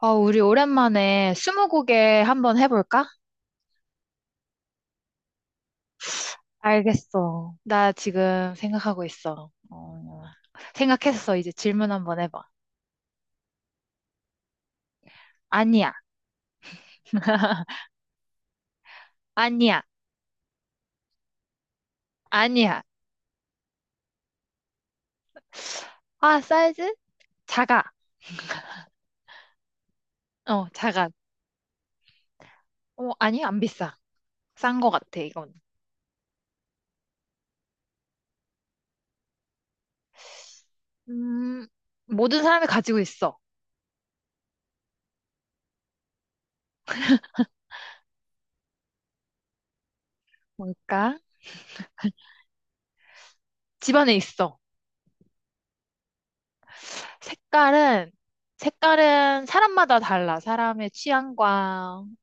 어, 우리 오랜만에 스무고개 한번 해볼까? 알겠어. 나 지금 생각하고 있어. 어, 생각했어. 이제 질문 한번 해봐. 아니야. 아니야. 아니야. 아, 사이즈? 작아. 어, 작아. 어, 아니, 안 비싸. 싼 거 같아, 이건. 음, 모든 사람이 가지고 있어. 뭘까? 집안에 있어. 색깔은, 색깔은 사람마다 달라. 사람의 취향과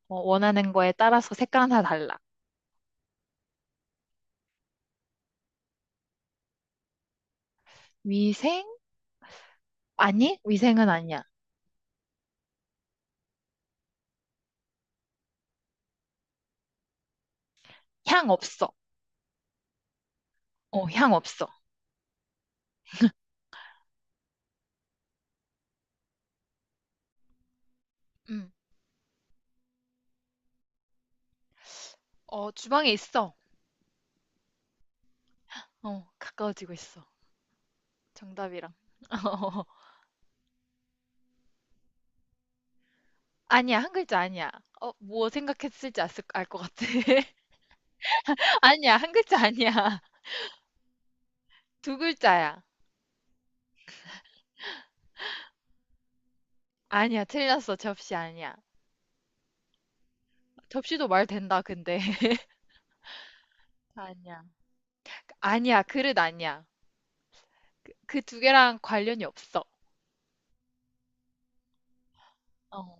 어, 원하는 거에 따라서 색깔은 다 달라. 위생? 아니, 위생은 아니야. 향 없어. 어, 향 없어. 음. 어, 주방에 있어. 어, 가까워지고 있어. 정답이랑. 아니야, 한 글자 아니야. 어, 뭐 생각했을지 알 것 같아. 아니야, 한 글자 아니야. 두 글자야. 아니야, 틀렸어. 접시 아니야. 접시도 말 된다, 근데. 아니야. 아니야, 그릇 아니야. 그 두 개랑 관련이 없어. 어,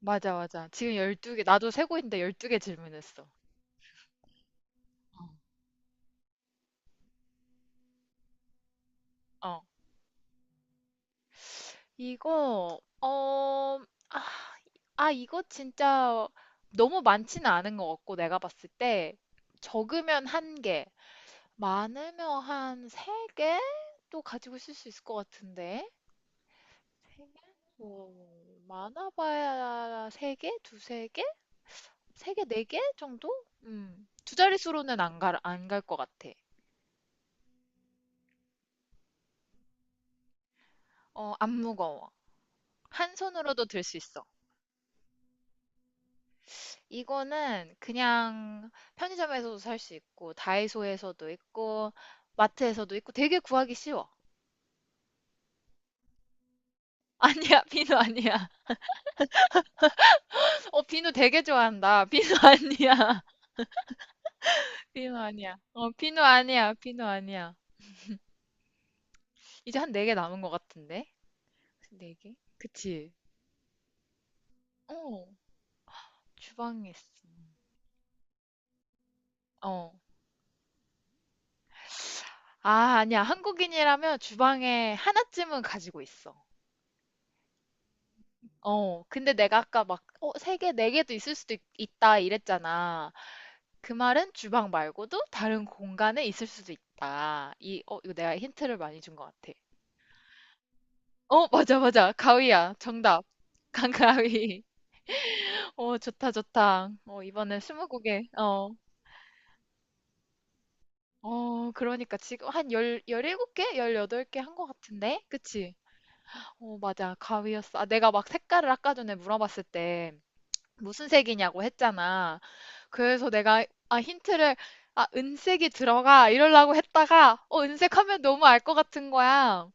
맞아, 맞아. 지금 12개 나도 세고 있는데 12개 질문했어. 어. 어. 이거 어, 아, 아, 이거 진짜 너무 많지는 않은 것 같고 내가 봤을 때 적으면 한 개, 많으면 한 세 개? 또 가지고 있을 수 있을 것 같은데 세 개? 어, 많아봐야 세 개? 두세 개? 세 개, 네 개 정도? 두 자릿수로는 안 갈 것 같아. 어, 안 무거워. 한 손으로도 들 수 있어. 이거는 그냥 편의점에서도 살 수 있고, 다이소에서도 있고, 마트에서도 있고, 되게 구하기 쉬워. 아니야, 비누 아니야. 어, 비누 되게 좋아한다. 비누 아니야. 비누 아니야. 어, 비누 아니야. 비누 아니야. 이제 한 네 개 남은 것 같은데? 네 개? 그치? 어, 주방에 있어. 어. 아, 아니야. 한국인이라면 주방에 하나쯤은 가지고 있어. 어, 근데 내가 아까 막, 어, 세 개, 네 개도 있을 수도 있, 다 이랬잖아. 그 말은 주방 말고도 다른 공간에 있을 수도 있다. 이, 어, 이거 내가 힌트를 많이 준 것 같아. 어, 맞아, 맞아. 가위야. 정답. 강가위. 어, 좋다, 좋다. 어, 이번에 스무고개. 어. 어, 그러니까 지금 한 열, 17개? 18개 한 것 같은데? 그치? 어, 맞아. 가위였어. 아, 내가 막 색깔을 아까 전에 물어봤을 때 무슨 색이냐고 했잖아. 그래서 내가 아 힌트를 아 은색이 들어가 이러려고 했다가 어 은색 하면 너무 알 것 같은 거야.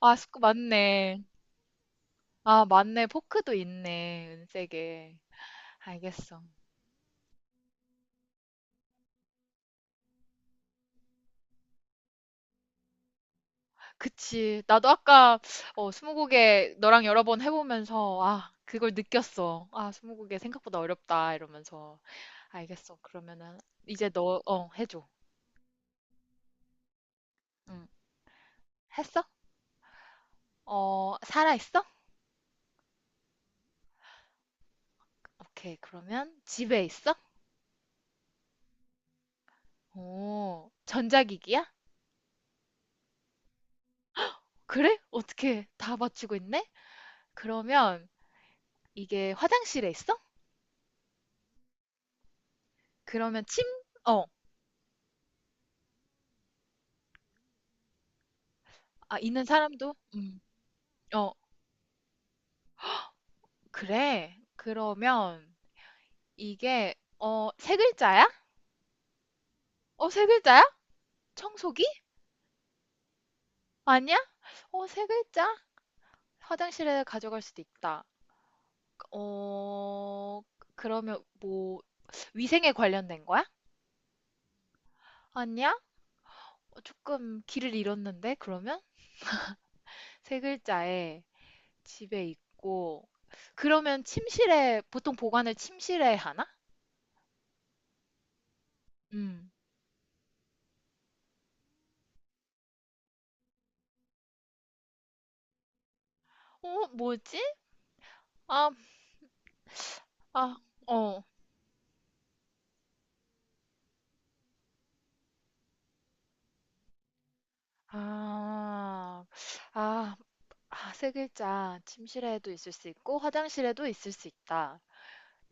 아 스쿠 맞네. 아 맞네. 포크도 있네. 은색에. 알겠어. 그치. 나도 아까 어 스무고개 너랑 여러 번 해보면서 아 그걸 느꼈어. 아 스무고개 생각보다 어렵다 이러면서. 알겠어. 그러면은 이제 너 어 해줘. 응. 했어? 어 살아 있어? 오케이, 그러면 집에 있어? 오, 전자기기야? 그래? 어떻게 다 맞추고 있네? 그러면 이게 화장실에 있어? 그러면 어, 아, 있는 사람도? 어, 그래. 그러면 이게, 어, 세 글자야? 어, 세 글자야? 청소기? 아니야? 어, 세 글자? 화장실에 가져갈 수도 있다. 어, 그러면 뭐, 위생에 관련된 거야? 아니야? 어, 조금 길을 잃었는데, 그러면? 세 글자에 집에 있고 그러면 침실에 보통 보관을 침실에 하나? 음. 어, 뭐지? 아, 아, 어. 아, 아, 아, 세 글자. 침실에도 있을 수 있고 화장실에도 있을 수 있다.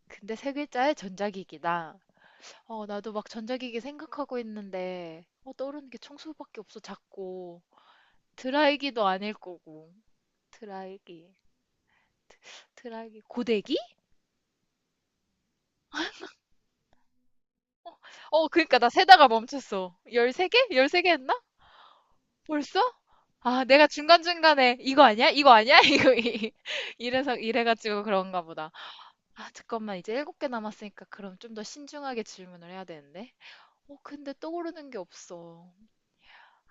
근데 세 글자에 전자기기다. 어, 나도 막 전자기기 생각하고 있는데 어, 떠오르는 게 청소밖에 없어 자꾸. 드라이기도 아닐 거고. 드라이기. 드라이기. 고데기? 어, 그니까 나 세다가 멈췄어. 13개? 13개 했나? 벌써? 아, 내가 중간중간에 이거 아니야? 이거 아니야? 이래서 이래가지고 그런가 보다. 아, 잠깐만. 이제 7개 남았으니까 그럼 좀 더 신중하게 질문을 해야 되는데. 어, 근데 떠오르는 게 없어.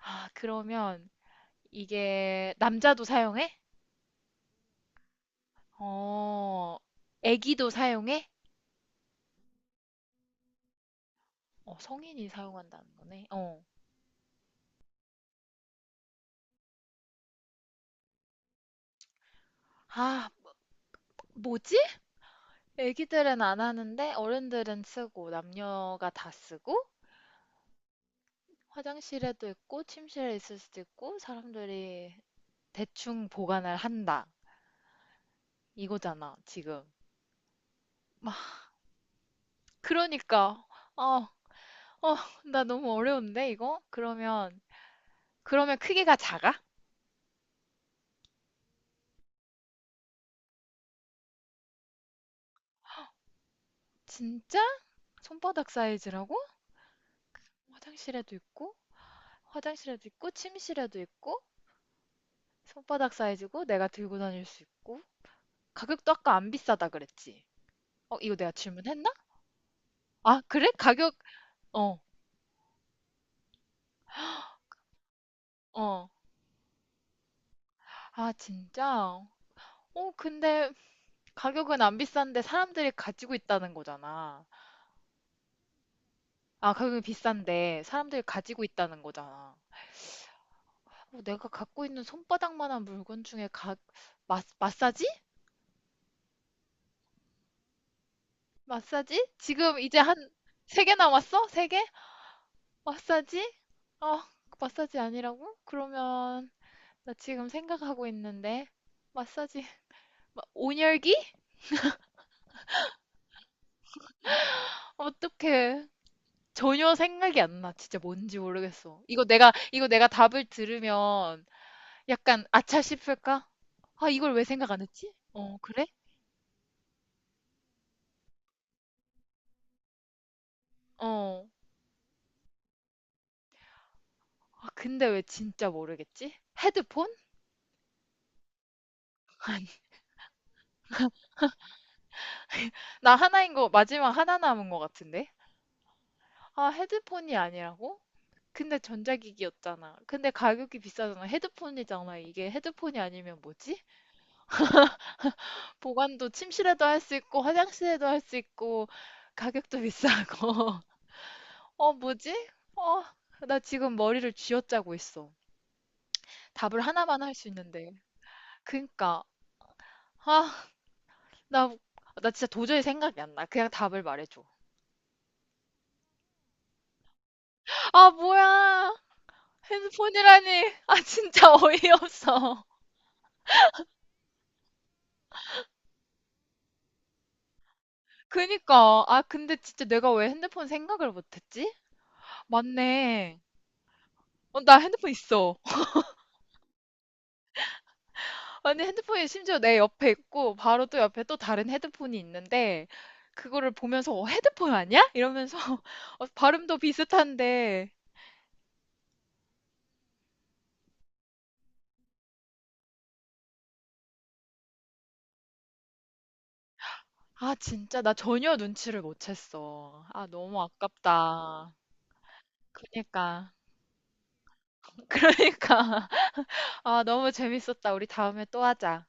아, 그러면 이게 남자도 사용해? 어, 애기도 사용해? 어, 성인이 사용한다는 거네. 어. 아, 뭐지? 애기들은 안 하는데 어른들은 쓰고 남녀가 다 쓰고 화장실에도 있고 침실에 있을 수도 있고 사람들이 대충 보관을 한다. 이거잖아, 지금. 막 그러니까 어, 어, 나 너무 어려운데 이거? 그러면 크기가 작아? 진짜? 손바닥 사이즈라고? 화장실에도 있고 화장실에도 있고 침실에도 있고 손바닥 사이즈고 내가 들고 다닐 수 있고 가격도 아까 안 비싸다 그랬지? 어, 이거 내가 아, 그래? 가격, 어, 어. 아, 진짜? 어, 근데 가격은 안 비싼데 사람들이 가지고 있다는 거잖아. 아, 가격이 비싼데 사람들이 가지고 있다는 거잖아. 어, 내가 갖고 있는 손바닥만한 물건 중에 마사지? 마사지? 지금 이제 한 세 개 남았어? 세 개? 마사지? 아, 마사지 아니라고? 그러면 나 지금 생각하고 있는데 마사지, 온열기? 어떡해. 전혀 생각이 안 나. 진짜 뭔지 모르겠어. 이거 내가 답을 들으면 약간 아차 싶을까? 아, 이걸 왜 생각 안 했지? 어, 그래? 어. 아, 근데 왜 진짜 모르겠지? 헤드폰? 아니, 나 하나인 거, 마지막 하나 남은 거 같은데? 아, 헤드폰이 아니라고? 근데 전자기기였잖아. 근데 가격이 비싸잖아. 헤드폰이잖아. 이게 헤드폰이 아니면 뭐지? 보관도 침실에도 할 수 있고, 화장실에도 할 수 있고, 가격도 비싸고. 어, 뭐지? 어, 나 지금 머리를 쥐어짜고 있어. 답을 하나만 할 수 있는데. 그니까, 아, 나, 나 진짜 도저히 생각이 안 나. 그냥 답을 말해줘. 아, 뭐야. 핸드폰이라니. 아, 진짜 어이없어. 그니까, 아, 근데 진짜 내가 왜 핸드폰 생각을 못했지? 맞네. 어, 나 핸드폰 있어. 아니, 핸드폰이 심지어 내 옆에 있고, 바로 또 옆에 또 다른 헤드폰이 있는데, 그거를 보면서, 어, 헤드폰 아니야? 이러면서, 어, 발음도 비슷한데, 아, 진짜, 나 전혀 눈치를 못 챘어. 아, 너무 아깝다. 그니까, 그러니까. 아, 너무 재밌었다. 우리 다음에 또 하자.